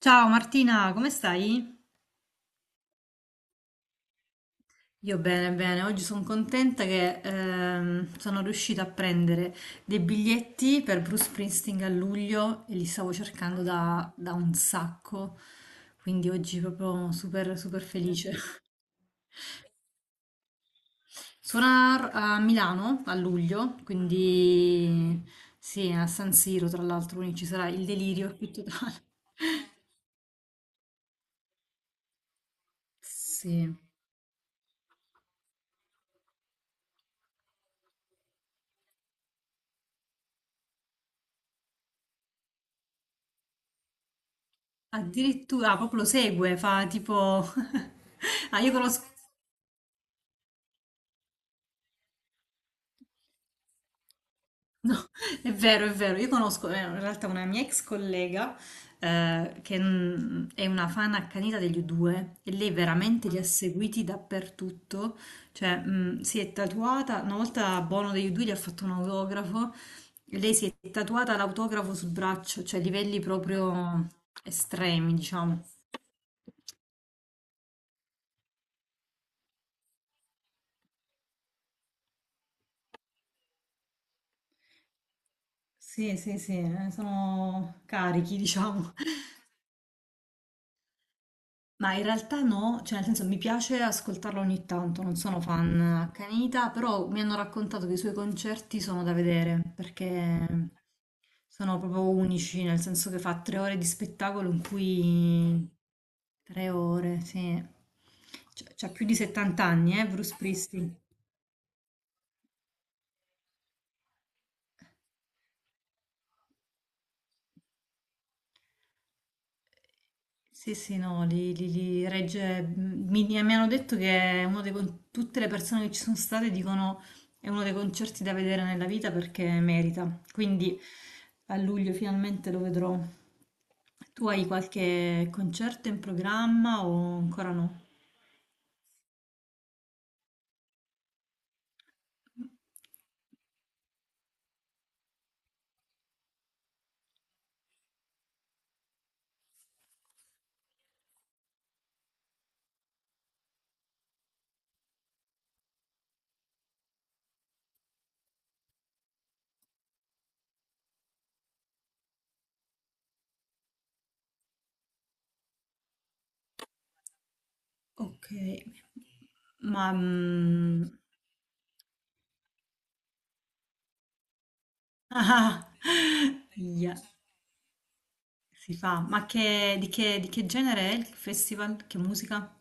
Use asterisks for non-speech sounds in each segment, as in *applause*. Ciao Martina, come stai? Io bene, bene. Oggi sono contenta che sono riuscita a prendere dei biglietti per Bruce Springsteen a luglio e li stavo cercando da un sacco, quindi oggi proprio super, super felice. Suona a Milano a luglio, quindi sì, a San Siro tra l'altro, quindi ci sarà il delirio più totale. Sì, addirittura proprio lo segue, fa tipo... *laughs* Ah, io conosco... No, *laughs* è vero, è vero. Io conosco in realtà una mia ex collega che è una fan accanita degli U2 e lei veramente li ha seguiti dappertutto. Cioè, si è tatuata, una volta a Bono degli U2 gli ha fatto un autografo, e lei si è tatuata l'autografo sul braccio, cioè livelli proprio estremi, diciamo. Sì, sì, sì, sono carichi, *laughs* diciamo. Ma in realtà no, cioè nel senso mi piace ascoltarlo ogni tanto, non sono fan accanita, però mi hanno raccontato che i suoi concerti sono da vedere, perché sono proprio unici, nel senso che fa 3 ore di spettacolo in cui... 3 ore, sì. Cioè, c'ha più di 70 anni, Bruce Pristi. Sì, sì, no, li regge. Mi hanno detto che è uno dei, con- tutte le persone che ci sono state dicono è uno dei concerti da vedere nella vita perché merita. Quindi a luglio finalmente lo vedrò. Tu hai qualche concerto in programma o ancora no? Ok, ma *laughs* ah, ahia, si fa. Di di che genere è il festival? Che musica?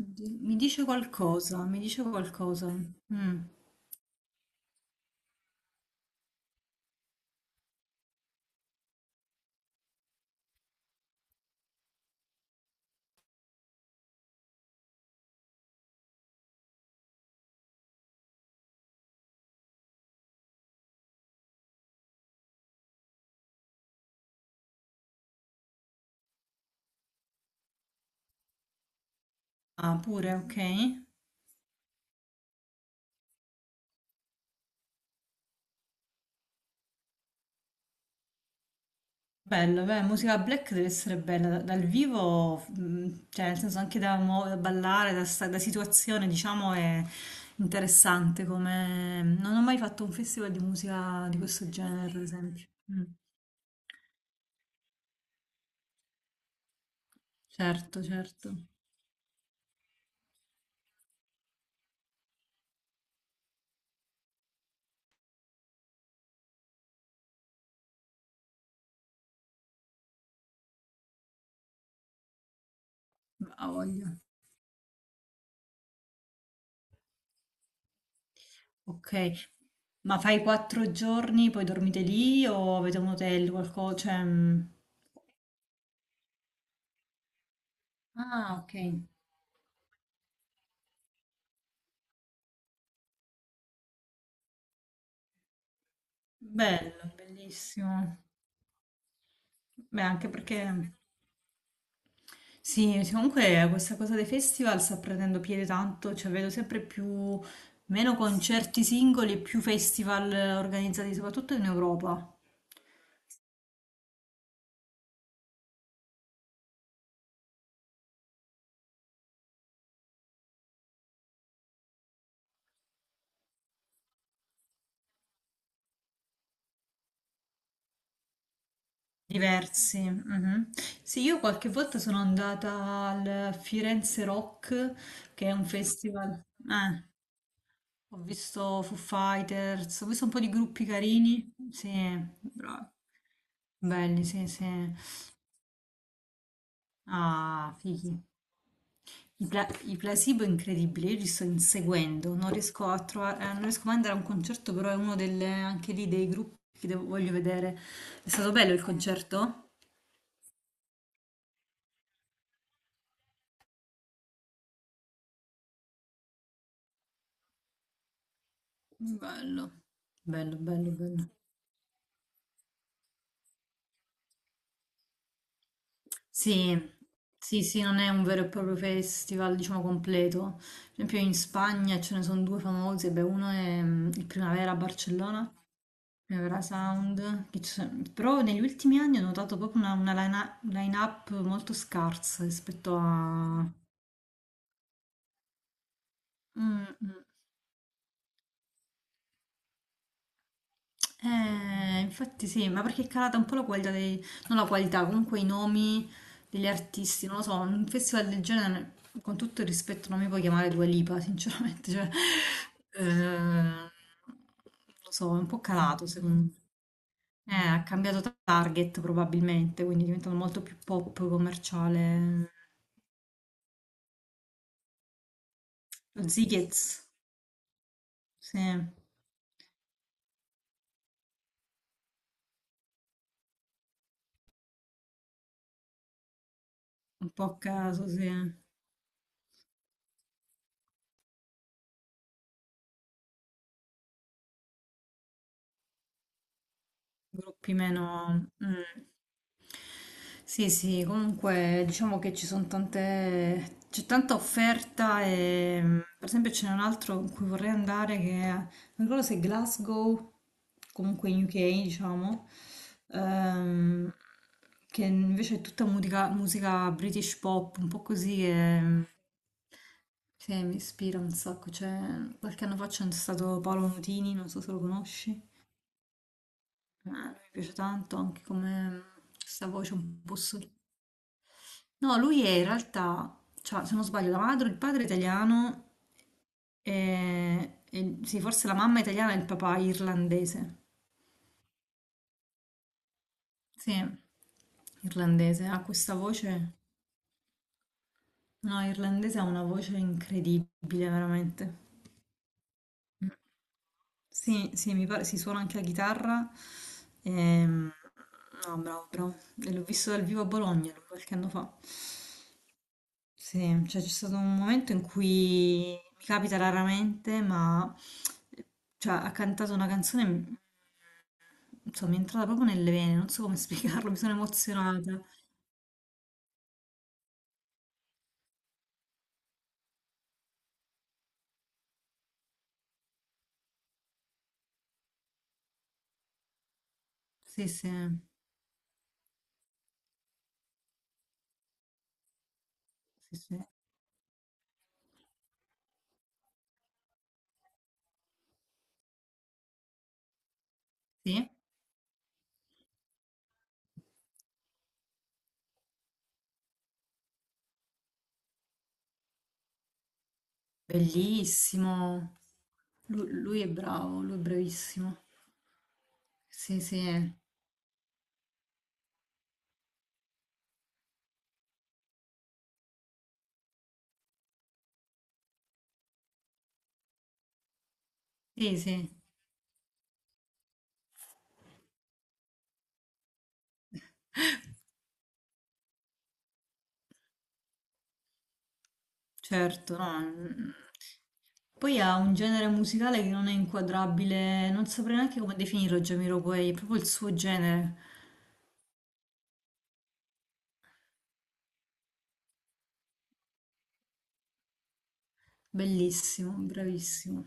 Oddio, mi dice qualcosa, mi dice qualcosa. Mm. Ah, pure, ok. Bello, beh, musica black deve essere bella dal vivo, cioè nel senso anche da, da ballare, da, da situazione, diciamo, è interessante come... Non ho mai fatto un festival di musica di questo genere, per esempio. Mm. Certo, certo, ha voglia. Ok, ma fai 4 giorni, poi dormite lì o avete un hotel, qualcosa? Cioè... mm. Ah, ok. Bello, bellissimo. Beh, anche perché sì, sì, comunque questa cosa dei festival sta prendendo piede tanto, cioè vedo sempre più meno concerti singoli e più festival organizzati, soprattutto in Europa. Diversi. Mhm. Sì, io qualche volta sono andata al Firenze Rock, che è un festival. Ho visto Foo Fighters, ho visto un po' di gruppi carini. Sì, bravi. Belli, sì, sì. Ah, fighi. I placebo è incredibile, io li sto inseguendo, non riesco a trovare, non riesco mai ad andare a un concerto, però è uno delle, anche lì dei gruppi che voglio vedere. È stato bello il concerto? Bello, bello, bello, bello. Sì, sì, sì, non è un vero e proprio festival, diciamo, completo. Per esempio in Spagna ce ne sono due famosi, beh, uno è il Primavera a Barcellona, Eurosound, però negli ultimi anni ho notato proprio una, line-up molto scarsa rispetto a... Mm, mm. Infatti sì, ma perché è calata un po' la qualità dei... non la qualità, comunque i nomi degli artisti, non lo so, un festival del genere, con tutto il rispetto, non mi puoi chiamare Dua Lipa, *laughs* sinceramente, cioè... non lo so, è un po' calato secondo me. Ha cambiato target probabilmente, quindi è diventato molto più pop commerciale. Lo Zigez, sì, un po' a caso, sì, gruppi meno... mm. Sì, sì, comunque diciamo che ci sono tante... c'è tanta offerta e per esempio ce n'è un altro in cui vorrei andare non ricordo se è Glasgow, comunque in UK, diciamo, ehm, che invece è tutta musica, musica British pop, un po' così che... Sì, mi ispira un sacco. Cioè, qualche anno fa c'è stato Paolo Nutini, non so se lo conosci. Lui mi piace tanto, anche come questa voce un po' no, lui è in realtà, cioè, se non sbaglio, la madre, il padre è italiano sì, forse la mamma è italiana e il papà è irlandese. Sì, irlandese, ha questa voce. No, irlandese ha una voce incredibile, veramente. Sì, sì, mi pare si suona anche la chitarra. Ehm, no, bravo, bravo. E l'ho visto dal vivo a Bologna lui qualche anno fa. Sì, cioè c'è stato un momento in cui mi capita raramente, ma cioè, ha cantato una canzone, insomma, mi è entrata proprio nelle vene, non so come spiegarlo, *laughs* mi sono emozionata. Sì, sì, sì, sì. Sì, bellissimo. Lui è bravo, lui è bravissimo. Sì, sì, sì, sì. Certo, no. Mm. Poi ha un genere musicale che non è inquadrabile, non saprei neanche come definirlo, Jamiroquai, è proprio il suo genere. Bellissimo, bravissimo.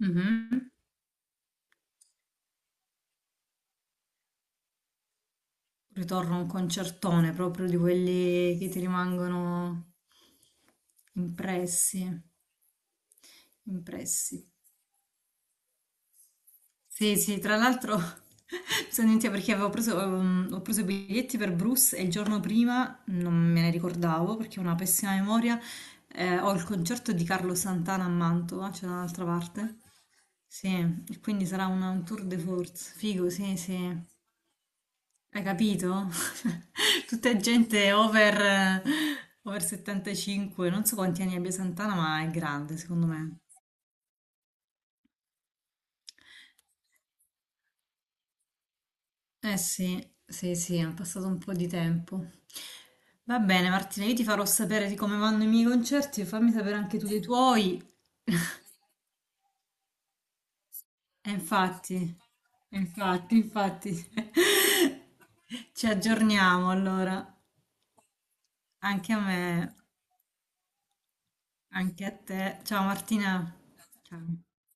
Mhm. Ritorno a un concertone proprio di quelli che ti rimangono impressi, impressi. Sì, sì, tra l'altro *laughs* sono venuta perché avevo preso, ho preso i biglietti per Bruce e il giorno prima non me ne ricordavo perché ho una pessima memoria. Eh, ho il concerto di Carlo Santana a Mantova, c'è dall'altra parte. Sì, e quindi sarà un tour de force. Figo, sì, sì. Hai capito? *laughs* Tutta gente over, over 75, non so quanti anni abbia Santana, ma è grande secondo me. Eh sì, sì, sì, è passato un po' di tempo. Va bene, Martina, io ti farò sapere di come vanno i miei concerti, fammi sapere anche tu dei tuoi. E infatti, infatti, infatti, *laughs* ci aggiorniamo allora. Anche a me, anche a te. Ciao Martina. Ciao.